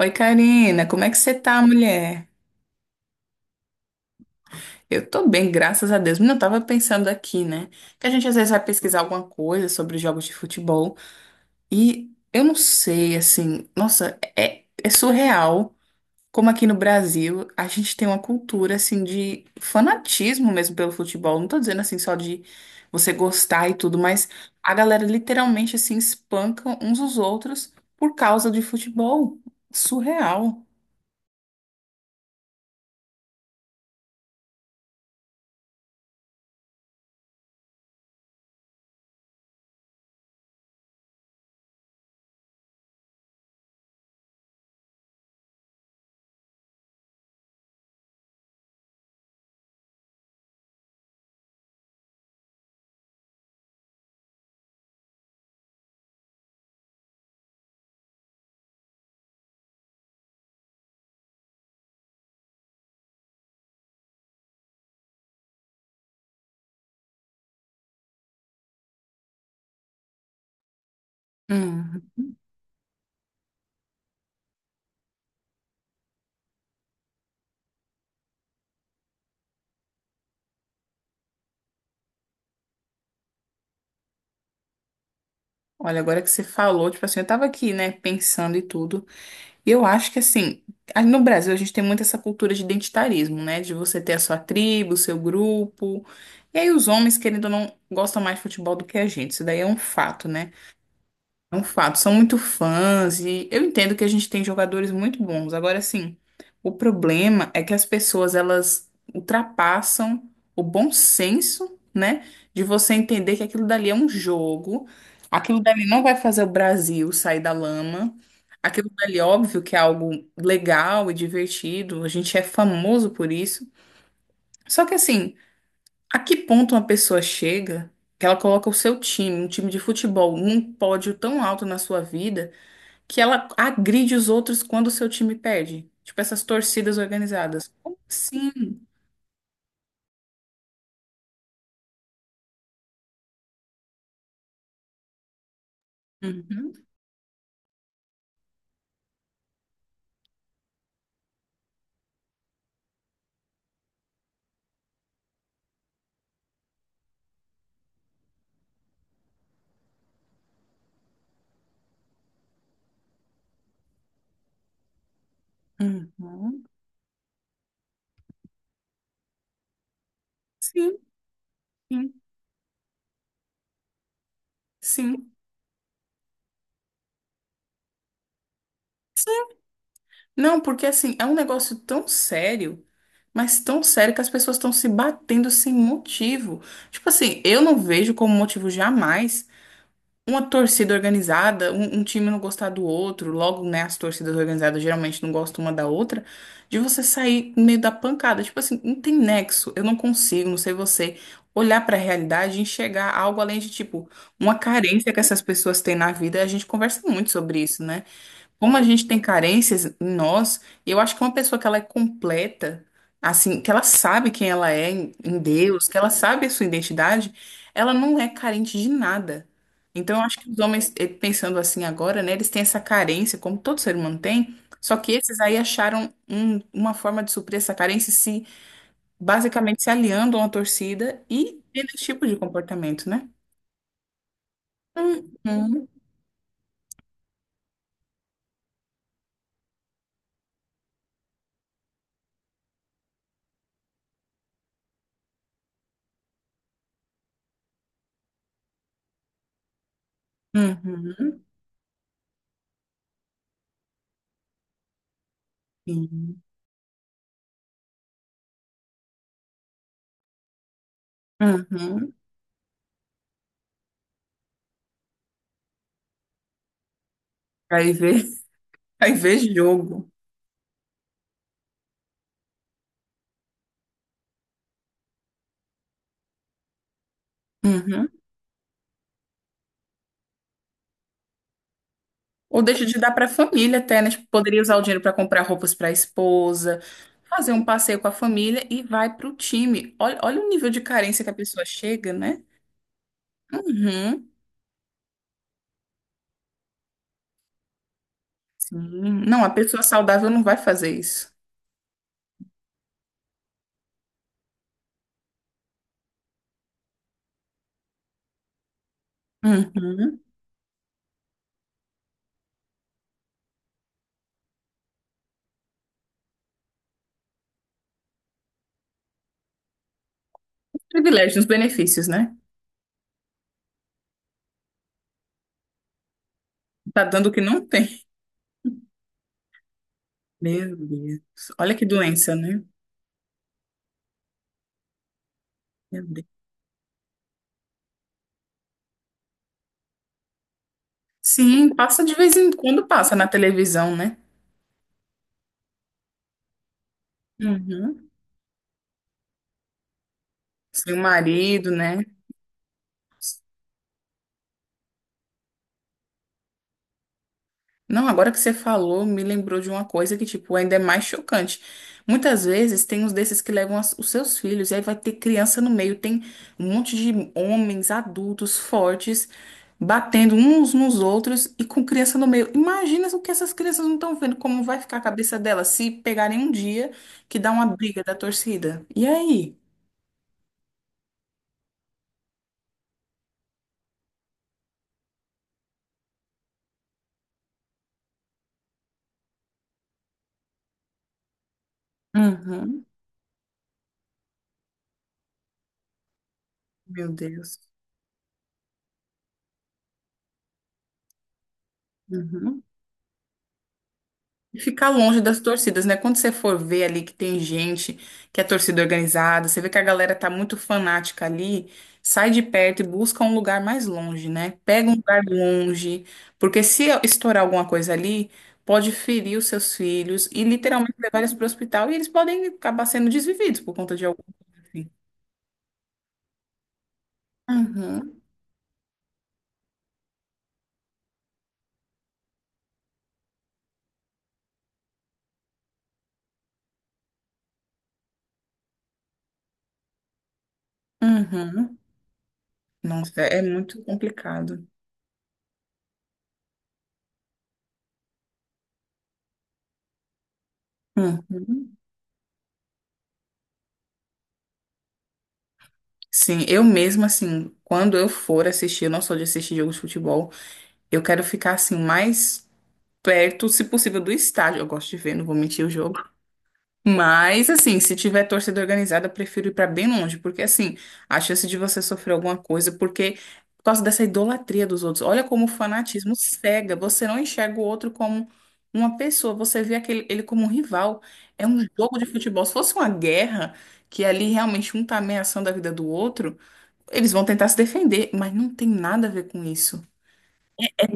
Oi, Karina, como é que você tá, mulher? Eu tô bem, graças a Deus. Menina, eu tava pensando aqui, né? Que a gente às vezes vai pesquisar alguma coisa sobre jogos de futebol e eu não sei, assim, nossa, é surreal como aqui no Brasil a gente tem uma cultura, assim, de fanatismo mesmo pelo futebol. Não tô dizendo, assim, só de você gostar e tudo, mas a galera literalmente, assim, espanca uns os outros por causa de futebol. Surreal. Uhum. Olha, agora que você falou, tipo assim, eu tava aqui, né, pensando e tudo. E eu acho que assim, no Brasil a gente tem muito essa cultura de identitarismo, né? De você ter a sua tribo, o seu grupo. E aí os homens, querendo ou não, gostam mais de futebol do que a gente. Isso daí é um fato, né? É um fato, são muito fãs e eu entendo que a gente tem jogadores muito bons. Agora, assim, o problema é que as pessoas elas ultrapassam o bom senso, né, de você entender que aquilo dali é um jogo, aquilo dali não vai fazer o Brasil sair da lama. Aquilo dali, óbvio que é algo legal e divertido, a gente é famoso por isso. Só que, assim, a que ponto uma pessoa chega que ela coloca o seu time, um time de futebol, num pódio tão alto na sua vida? Que ela agride os outros quando o seu time perde. Tipo essas torcidas organizadas. Como assim? Uhum, uhum. Sim, sim, sim. Não, porque assim, é um negócio tão sério, mas tão sério que as pessoas estão se batendo sem motivo. Tipo assim, eu não vejo como motivo jamais uma torcida organizada, um time não gostar do outro, logo, né, as torcidas organizadas geralmente não gostam uma da outra, de você sair no meio da pancada. Tipo assim, não tem nexo, eu não consigo, não sei você olhar pra realidade e enxergar algo além de, tipo, uma carência que essas pessoas têm na vida. A gente conversa muito sobre isso, né? Como a gente tem carências em nós, eu acho que uma pessoa que ela é completa, assim, que ela sabe quem ela é em Deus, que ela sabe a sua identidade, ela não é carente de nada. Então, eu acho que os homens, pensando assim agora, né, eles têm essa carência, como todo ser humano tem, só que esses aí acharam uma forma de suprir essa carência se basicamente se aliando a uma torcida e tendo esse tipo de comportamento, né? Uhum, uhum, sim, uhum. Aí vê. Aí vê jogo. Uhum. Ou deixa de dar para a família até, né? Tipo, poderia usar o dinheiro para comprar roupas para a esposa, fazer um passeio com a família e vai para o time. Olha, olha o nível de carência que a pessoa chega, né? Uhum. Sim. Não, a pessoa saudável não vai fazer isso. Uhum. Privilégios, benefícios, né? Tá dando o que não tem. Meu Deus. Olha que doença, né? Meu Deus. Sim, passa de vez em quando, passa na televisão, né? Uhum. Sem o marido, né? Não, agora que você falou, me lembrou de uma coisa que, tipo, ainda é mais chocante. Muitas vezes tem uns desses que levam os seus filhos, e aí vai ter criança no meio, tem um monte de homens adultos fortes batendo uns nos outros e com criança no meio. Imagina o que essas crianças não estão vendo, como vai ficar a cabeça delas se pegarem um dia que dá uma briga da torcida. E aí? Uhum, meu Deus. Uhum. E ficar longe das torcidas, né? Quando você for ver ali que tem gente que é torcida organizada, você vê que a galera tá muito fanática ali, sai de perto e busca um lugar mais longe, né? Pega um lugar longe, porque se estourar alguma coisa ali, pode ferir os seus filhos e literalmente levar eles para o hospital e eles podem acabar sendo desvividos por conta de algum. Assim. Uhum, uhum. Nossa, é muito complicado. Uhum. Sim, eu mesma, assim, quando eu for assistir, eu não sou de assistir jogos de futebol. Eu quero ficar assim o mais perto, se possível, do estádio. Eu gosto de ver, não vou mentir, o jogo. Mas assim, se tiver torcida organizada, eu prefiro ir pra bem longe, porque assim, a chance de você sofrer alguma coisa, porque por causa dessa idolatria dos outros. Olha como o fanatismo cega. Você não enxerga o outro como uma pessoa, você vê aquele ele como um rival. É um jogo de futebol. Se fosse uma guerra, que ali realmente um tá ameaçando a vida do outro, eles vão tentar se defender, mas não tem nada a ver com isso.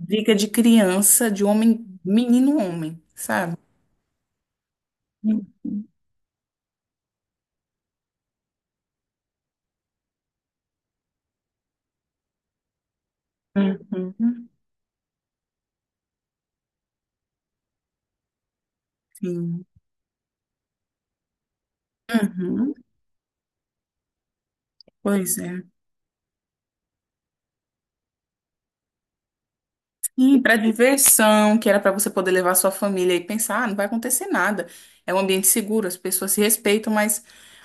Dica de criança, de homem, menino homem, sabe? Uhum. Uhum. Sim. Uhum. Pois é. Sim, para diversão, que era para você poder levar sua família e pensar, ah, não vai acontecer nada. É um ambiente seguro, as pessoas se respeitam, mas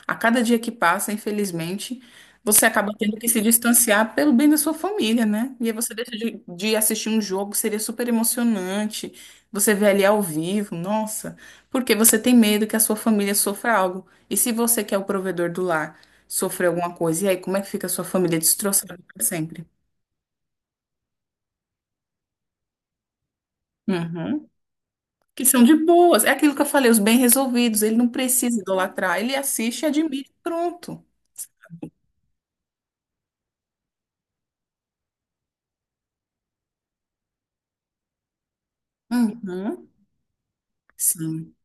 a cada dia que passa, infelizmente, você acaba tendo que se distanciar pelo bem da sua família, né? E aí você deixa de assistir um jogo, seria super emocionante. Você vê ali ao vivo, nossa, porque você tem medo que a sua família sofra algo. E se você, que é o provedor do lar, sofrer alguma coisa, e aí como é que fica a sua família destroçada para sempre? Uhum. Que são de boas. É aquilo que eu falei, os bem resolvidos. Ele não precisa idolatrar. Ele assiste, admira, e pronto. Uhum. Sim.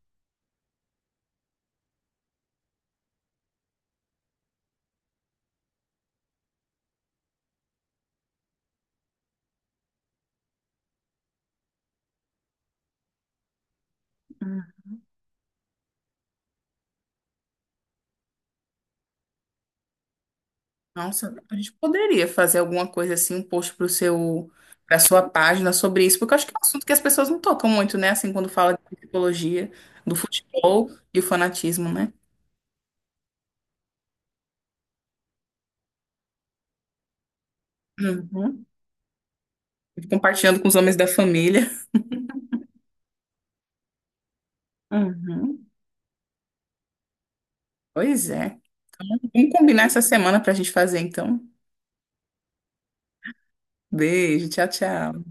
Hum. Nossa, a gente poderia fazer alguma coisa assim, um post para o seu, para sua página sobre isso, porque eu acho que é um assunto que as pessoas não tocam muito, né? Assim, quando fala de psicologia, do futebol e o fanatismo, né? Uhum. Compartilhando com os homens da família. Uhum. Pois é. Então, vamos combinar essa semana para a gente fazer, então. Beijo, tchau, tchau.